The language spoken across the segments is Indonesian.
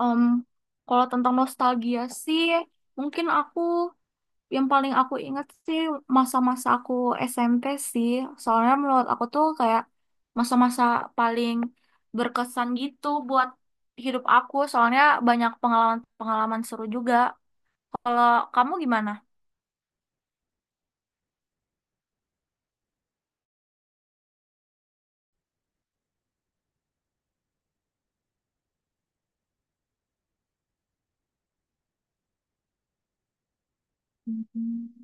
Em, Kalau tentang nostalgia sih, mungkin aku yang paling aku ingat sih masa-masa aku SMP sih. Soalnya menurut aku tuh kayak masa-masa paling berkesan gitu buat hidup aku. Soalnya banyak pengalaman-pengalaman seru juga. Kalau kamu gimana? Mhm.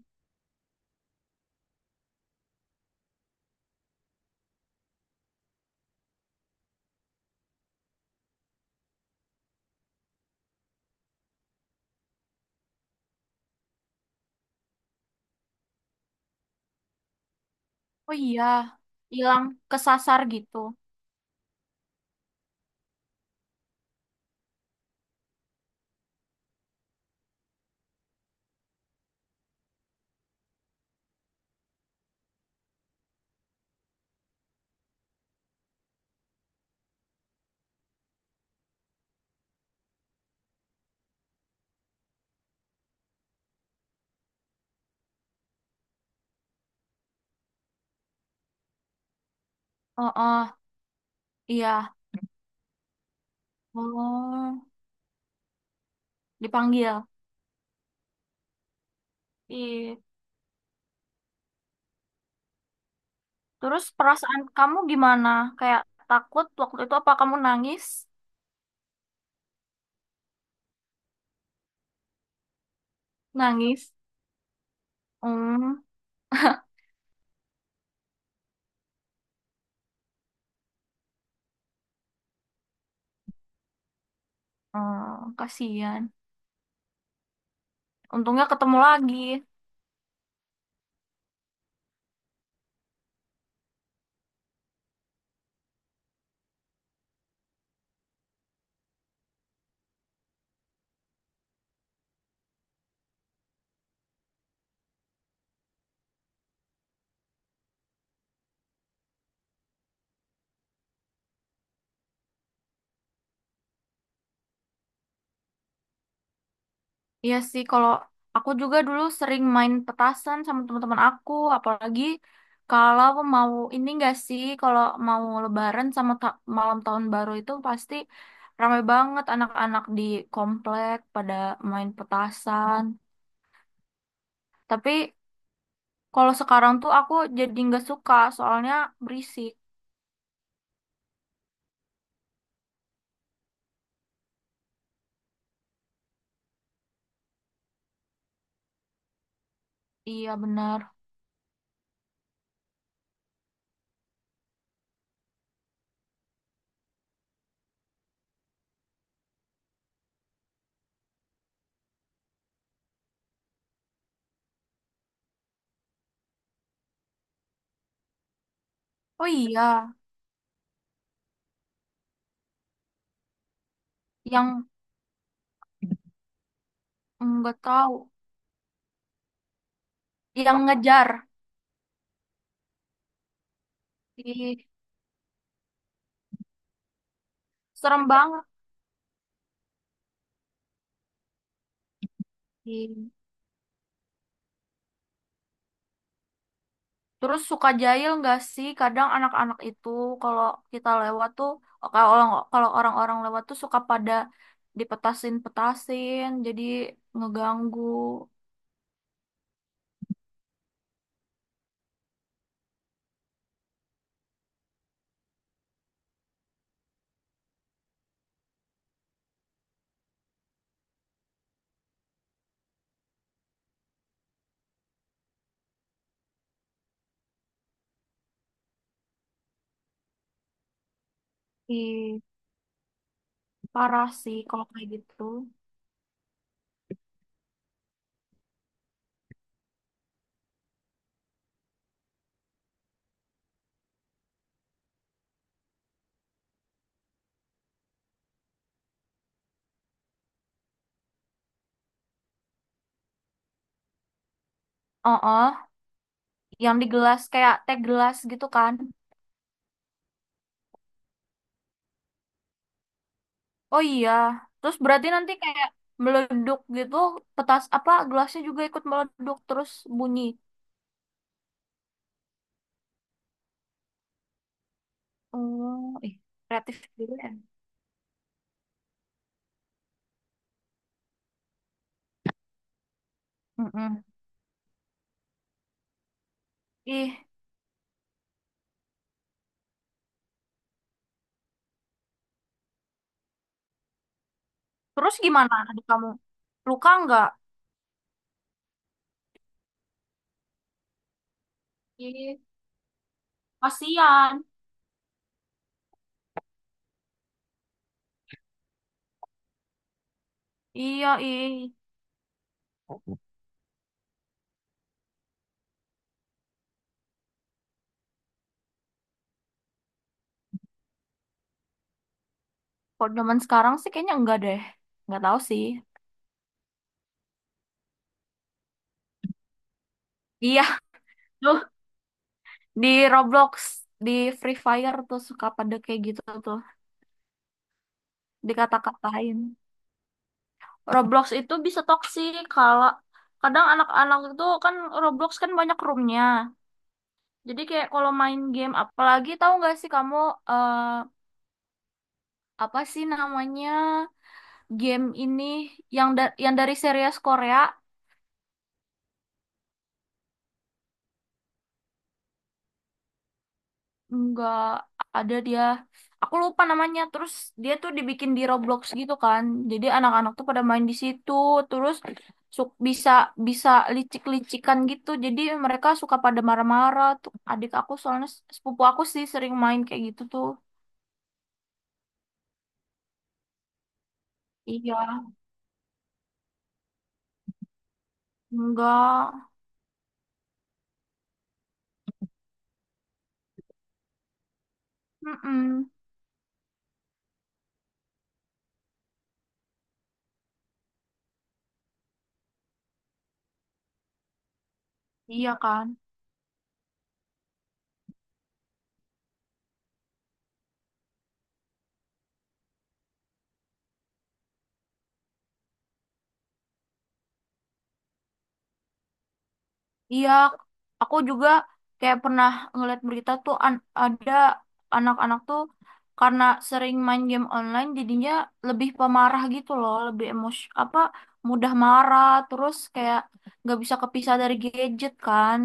Oh iya, hilang kesasar gitu. Oh, oh iya. Oh, dipanggil. Ih. Terus perasaan kamu gimana? Kayak takut waktu itu apa kamu nangis? Nangis. Hmm, hmm, kasihan. Untungnya ketemu lagi. Iya sih, kalau aku juga dulu sering main petasan sama teman-teman aku, apalagi kalau mau ini enggak sih, kalau mau lebaran sama ta- malam tahun baru itu pasti ramai banget anak-anak di komplek pada main petasan. Tapi kalau sekarang tuh aku jadi nggak suka soalnya berisik. Iya benar. Oh iya, yang nggak tahu, yang ngejar. Ih, serem banget. Ih. Terus suka jahil nggak sih? Kadang anak-anak itu kalau kita lewat tuh, kalau kalau orang-orang lewat tuh suka pada dipetasin-petasin, jadi ngeganggu. Ih, parah sih kalau kayak gitu. Oh, yang di gelas kayak teh gelas gitu kan? Oh iya, terus berarti nanti kayak meleduk gitu, petas apa gelasnya juga ikut meleduk terus bunyi. Oh, ih, kreatif gitu ya. Mm-mm. Ih, terus gimana adik kamu? Luka nggak? Ih, kasihan. Iya, ih. Kalau zaman sekarang sih kayaknya enggak deh. Nggak tahu sih. Iya, tuh di Roblox, di Free Fire tuh suka pada kayak gitu tuh, dikata-katain. Roblox itu bisa toksik kalau kadang anak-anak itu kan Roblox kan banyak roomnya. Jadi kayak kalau main game apalagi tahu nggak sih kamu eh, apa sih namanya game ini yang da- yang dari series Korea? Enggak ada dia. Aku lupa namanya. Terus dia tuh dibikin di Roblox gitu kan. Jadi anak-anak tuh pada main di situ. Terus su- bisa bisa licik-licikan gitu. Jadi mereka suka pada marah-marah. Tuh adik aku soalnya s- sepupu aku sih sering main kayak gitu tuh. Iya, enggak. Mm-mm. Iya kan. Iya, aku juga kayak pernah ngeliat berita tuh an- ada anak-anak tuh karena sering main game online jadinya lebih pemarah gitu loh, lebih emos apa mudah marah terus kayak nggak bisa kepisah dari gadget kan.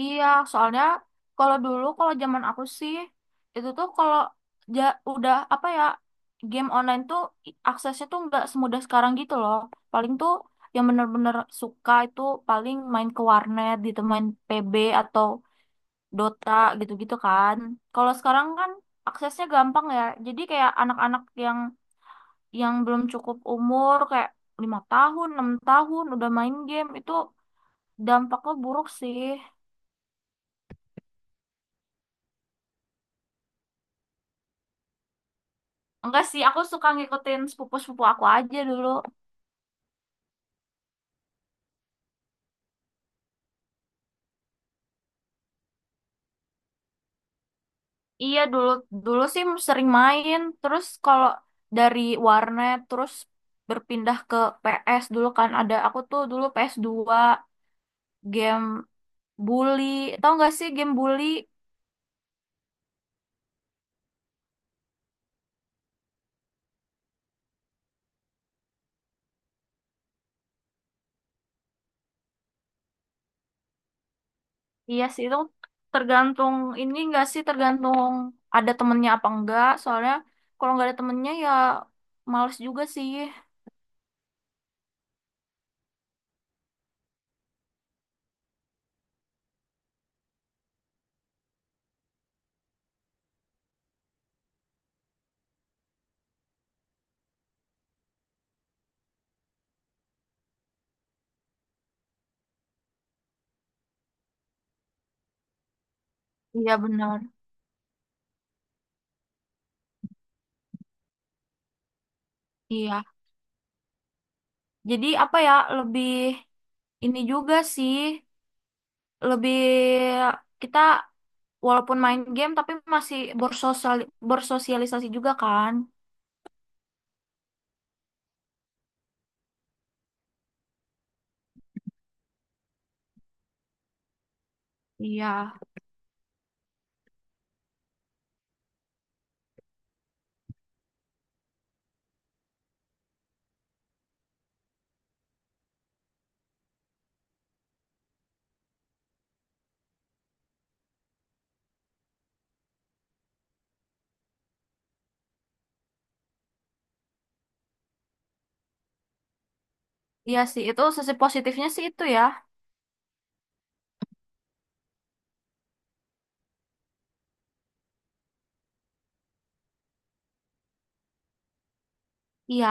Iya, soalnya kalau dulu kalau zaman aku sih itu tuh kalau ja- udah apa ya game online tuh i- aksesnya tuh nggak semudah sekarang gitu loh. Paling tuh yang bener-bener suka itu paling main ke warnet gitu, main PB atau Dota gitu-gitu kan. Kalau sekarang kan aksesnya gampang ya. Jadi kayak anak-anak yang belum cukup umur kayak 5 tahun, 6 tahun udah main game itu dampaknya buruk sih. Enggak sih, aku suka ngikutin sepupu-sepupu aku aja dulu. Iya, dulu dulu sih sering main. Terus kalau dari warnet terus berpindah ke PS dulu kan ada aku tuh dulu PS 2 game bully. Tahu nggak sih game bully? Iya sih itu tergantung ini nggak sih tergantung ada temennya apa enggak. Soalnya kalau nggak ada temennya ya males juga sih. Iya benar. Iya. Jadi apa ya lebih ini juga sih lebih kita walaupun main game tapi masih bersosial bersosialisasi juga kan. Iya, iya sih itu sisi positifnya sih itu ya. Iya.